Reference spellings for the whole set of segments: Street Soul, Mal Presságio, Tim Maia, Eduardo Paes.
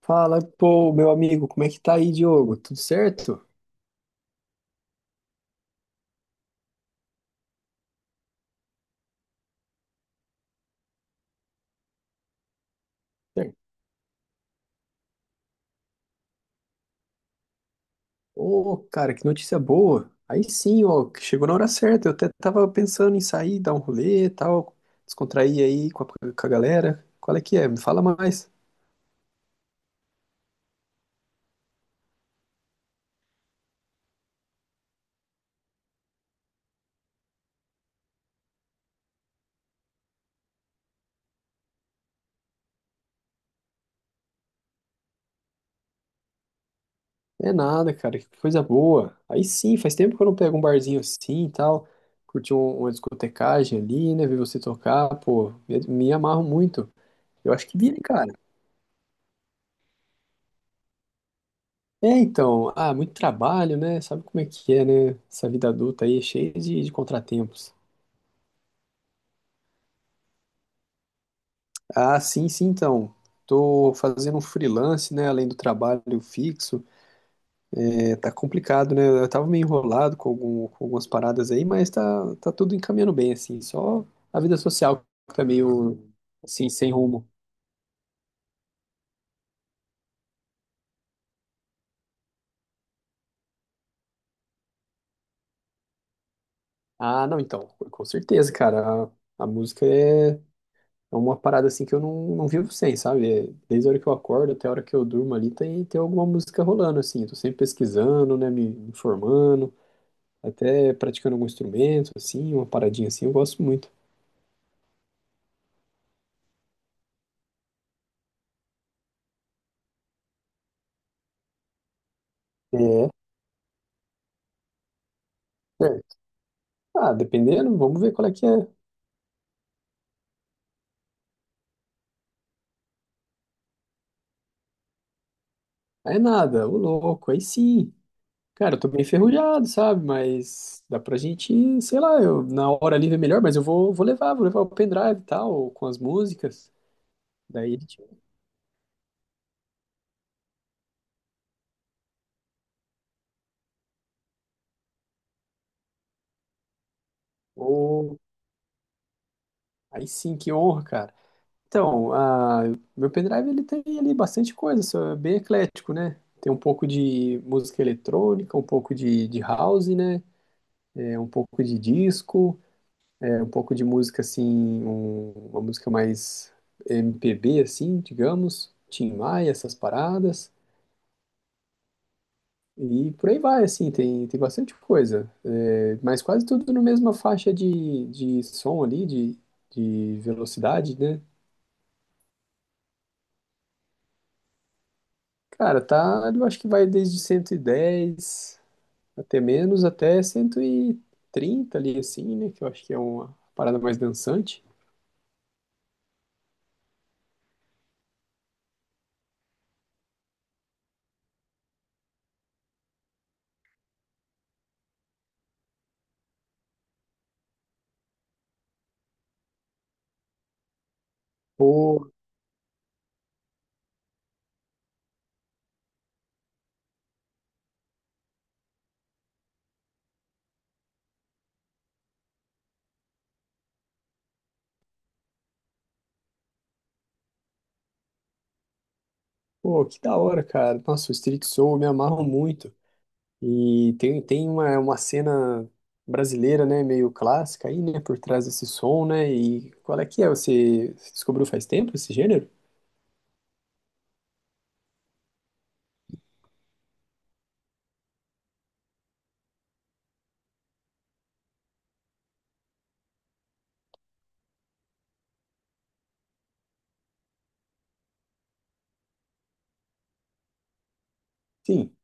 Fala, pô, meu amigo, como é que tá aí, Diogo? Tudo certo? Certo. Ô, cara, que notícia boa. Aí sim, ó, que chegou na hora certa. Eu até tava pensando em sair, dar um rolê e tal, descontrair aí com a galera. Qual é que é? Me fala mais. É nada, cara, que coisa boa. Aí sim, faz tempo que eu não pego um barzinho assim e tal, curti uma discotecagem ali, né, ver você tocar, pô, me amarro muito. Eu acho que vira, hein, cara. É, então, muito trabalho, né? Sabe como é que é, né? Essa vida adulta aí é cheia de contratempos. Ah, sim, sim, então. Tô fazendo um freelance, né? Além do trabalho fixo. É, tá complicado, né? Eu tava meio enrolado com, com algumas paradas aí, mas tá tudo encaminhando bem, assim. Só a vida social que tá meio, assim, sem rumo. Ah, não, então, com certeza, cara. A música é. É uma parada assim que eu não vivo sem, sabe? É, desde a hora que eu acordo até a hora que eu durmo ali, tem alguma música rolando, assim. Eu tô sempre pesquisando, né? Me informando, até praticando algum instrumento, assim, uma paradinha assim, eu gosto muito. É, é. Ah, dependendo, vamos ver qual é que é. Aí nada, ô louco, aí sim. Cara, eu tô bem enferrujado, sabe? Mas dá pra gente, sei lá, eu, na hora livre é melhor, mas eu vou, vou levar o pendrive e tal, com as músicas. Daí a gente. Ô, aí sim, que honra, cara. Então, ah, meu pendrive ele tem ali bastante coisa, só é bem eclético, né? Tem um pouco de música eletrônica, um pouco de house, né? É, um pouco de disco, é, um pouco de música assim, uma música mais MPB, assim, digamos, Tim Maia, essas paradas. E por aí vai, assim, tem bastante coisa. É, mas quase tudo na mesma faixa de som ali, de velocidade, né? Cara, tá, eu acho que vai desde 110 até menos, até 130 ali, assim, né? Que eu acho que é uma parada mais dançante. Pô, pô, que da hora, cara. Nossa, o Street Soul eu me amarro muito. E tem, tem uma cena brasileira, né? Meio clássica aí, né? Por trás desse som, né? E qual é que é? Você descobriu faz tempo esse gênero? Sim.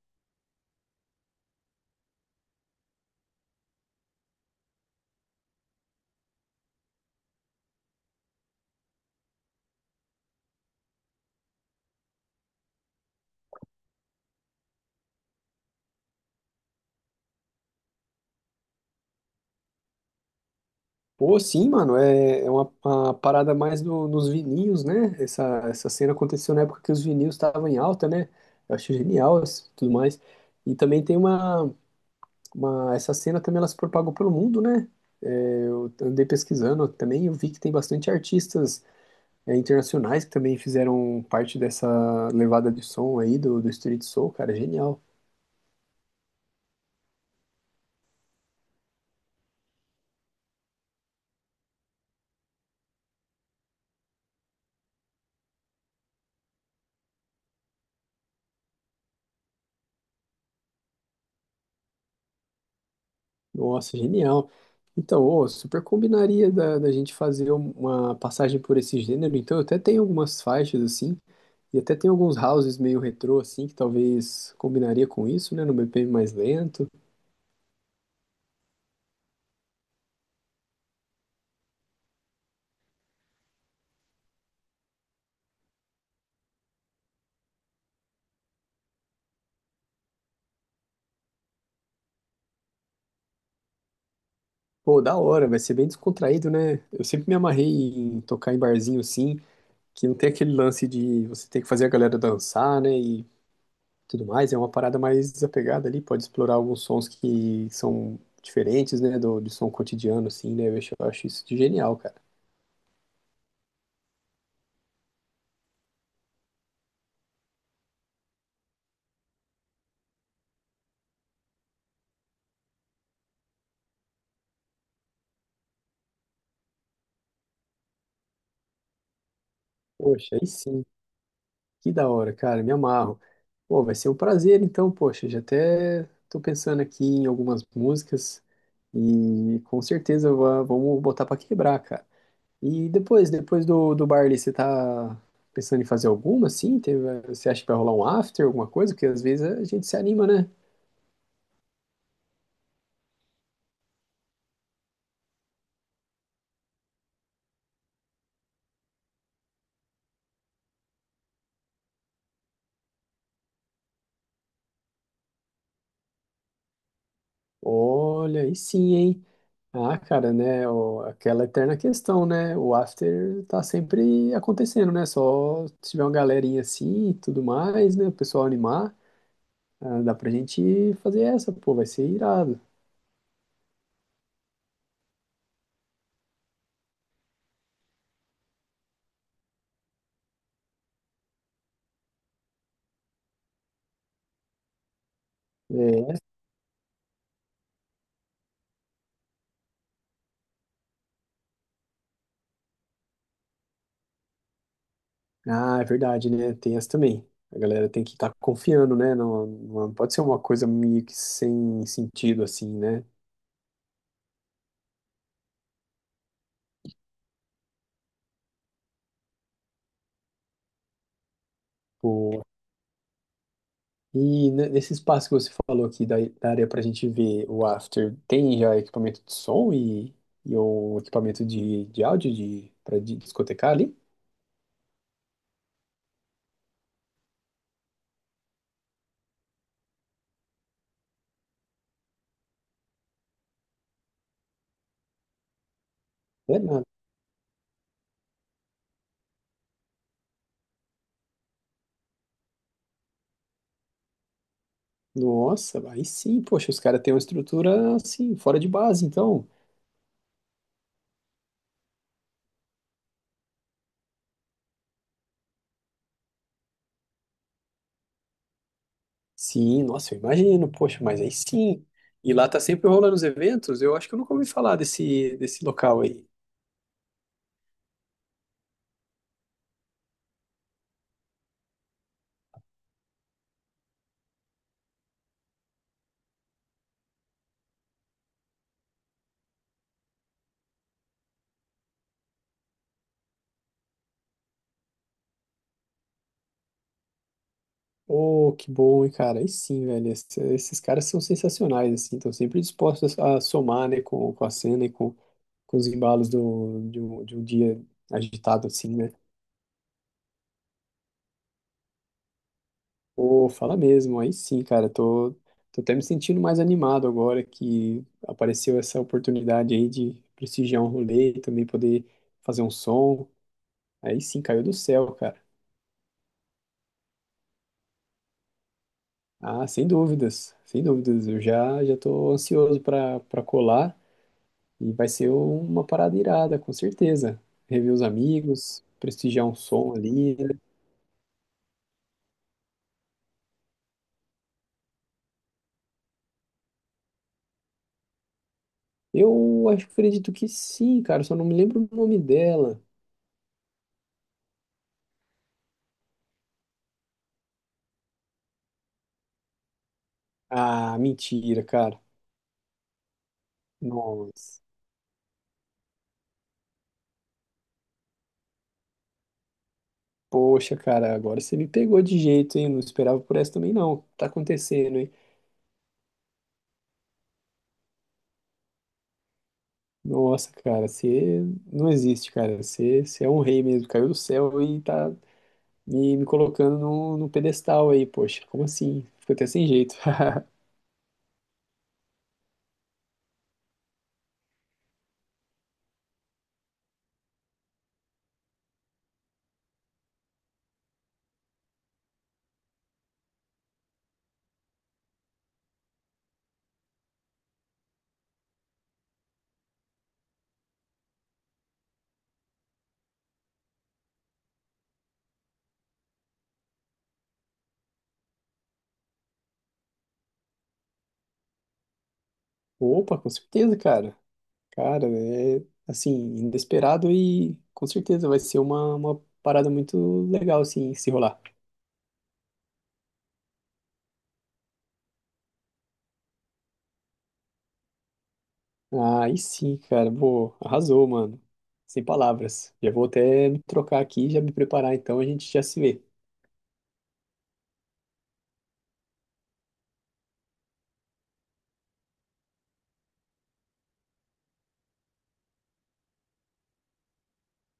Pô, sim, mano, é, é uma parada mais nos vininhos, né? Essa, essa cena aconteceu na época que os vininhos estavam em alta, né? Eu achei genial isso, tudo mais. E também tem uma... Essa cena também ela se propagou pelo mundo, né? É, eu andei pesquisando também, eu vi que tem bastante artistas internacionais que também fizeram parte dessa levada de som aí do, do Street Soul, cara, é genial. Nossa, genial. Então, ô, super combinaria da gente fazer um, uma passagem por esse gênero. Então, eu até tenho algumas faixas assim, e até tem alguns houses meio retrô assim, que talvez combinaria com isso, né? No BPM mais lento. Pô, da hora, vai ser bem descontraído, né? Eu sempre me amarrei em tocar em barzinho assim, que não tem aquele lance de você ter que fazer a galera dançar, né? E tudo mais. É uma parada mais desapegada ali, pode explorar alguns sons que são diferentes, né? Do, do som cotidiano, assim, né? Eu acho isso de genial, cara. Poxa, aí sim, que da hora, cara, me amarro. Pô, vai ser um prazer, então, poxa, já até tô pensando aqui em algumas músicas e com certeza vamos botar pra quebrar, cara. E depois, depois do baile, você tá pensando em fazer alguma, assim? Você acha que vai rolar um after, alguma coisa? Porque às vezes a gente se anima, né? Olha, aí sim, hein? Ah, cara, né? Aquela eterna questão, né? O after tá sempre acontecendo, né? Só se tiver uma galerinha assim e tudo mais, né? O pessoal animar, ah, dá pra gente fazer essa, pô, vai ser irado. É. Ah, é verdade, né? Tem essa também. A galera tem que estar confiando, né? Não pode ser uma coisa meio que sem sentido, assim, né? E nesse espaço que você falou aqui da área para a gente ver o after, tem já equipamento de som e o equipamento de áudio de, para discotecar ali? É nada. Nossa, aí sim, poxa, os caras têm uma estrutura assim, fora de base, então. Sim, nossa, eu imagino, poxa, mas aí sim. E lá tá sempre rolando os eventos, eu acho que eu nunca ouvi falar desse, desse local aí. Oh, que bom, hein, cara. Aí sim, velho. Esses caras são sensacionais, assim. Estão sempre dispostos a somar, né, com a cena e com os embalos do, de um dia agitado, assim, né? Pô, fala mesmo. Aí sim, cara. Tô até me sentindo mais animado agora que apareceu essa oportunidade aí de prestigiar um rolê e também poder fazer um som. Aí sim, caiu do céu, cara. Ah, sem dúvidas, sem dúvidas. Já tô ansioso para para colar. E vai ser uma parada irada, com certeza. Rever os amigos, prestigiar um som ali. Né? Eu acho que acredito que sim, cara. Só não me lembro o nome dela. Ah, mentira, cara. Nossa. Poxa, cara, agora você me pegou de jeito, hein? Não esperava por essa também, não. Tá acontecendo, hein? Nossa, cara, você não existe, cara. Você é um rei mesmo. Caiu do céu e tá me colocando no pedestal aí, poxa. Como assim? Fico até sem jeito. Opa, com certeza, cara. Cara, é assim, inesperado e com certeza vai ser uma parada muito legal, assim, se rolar. Aí sim, cara, pô, arrasou, mano. Sem palavras. Já vou até me trocar aqui e já me preparar, então a gente já se vê.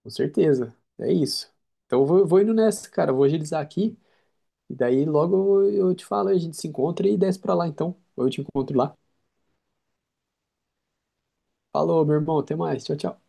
Com certeza. É isso. Então eu vou, vou indo nessa, cara. Eu vou agilizar aqui e daí logo eu te falo, a gente se encontra e desce pra lá, então. Ou eu te encontro lá. Falou, meu irmão, até mais. Tchau, tchau.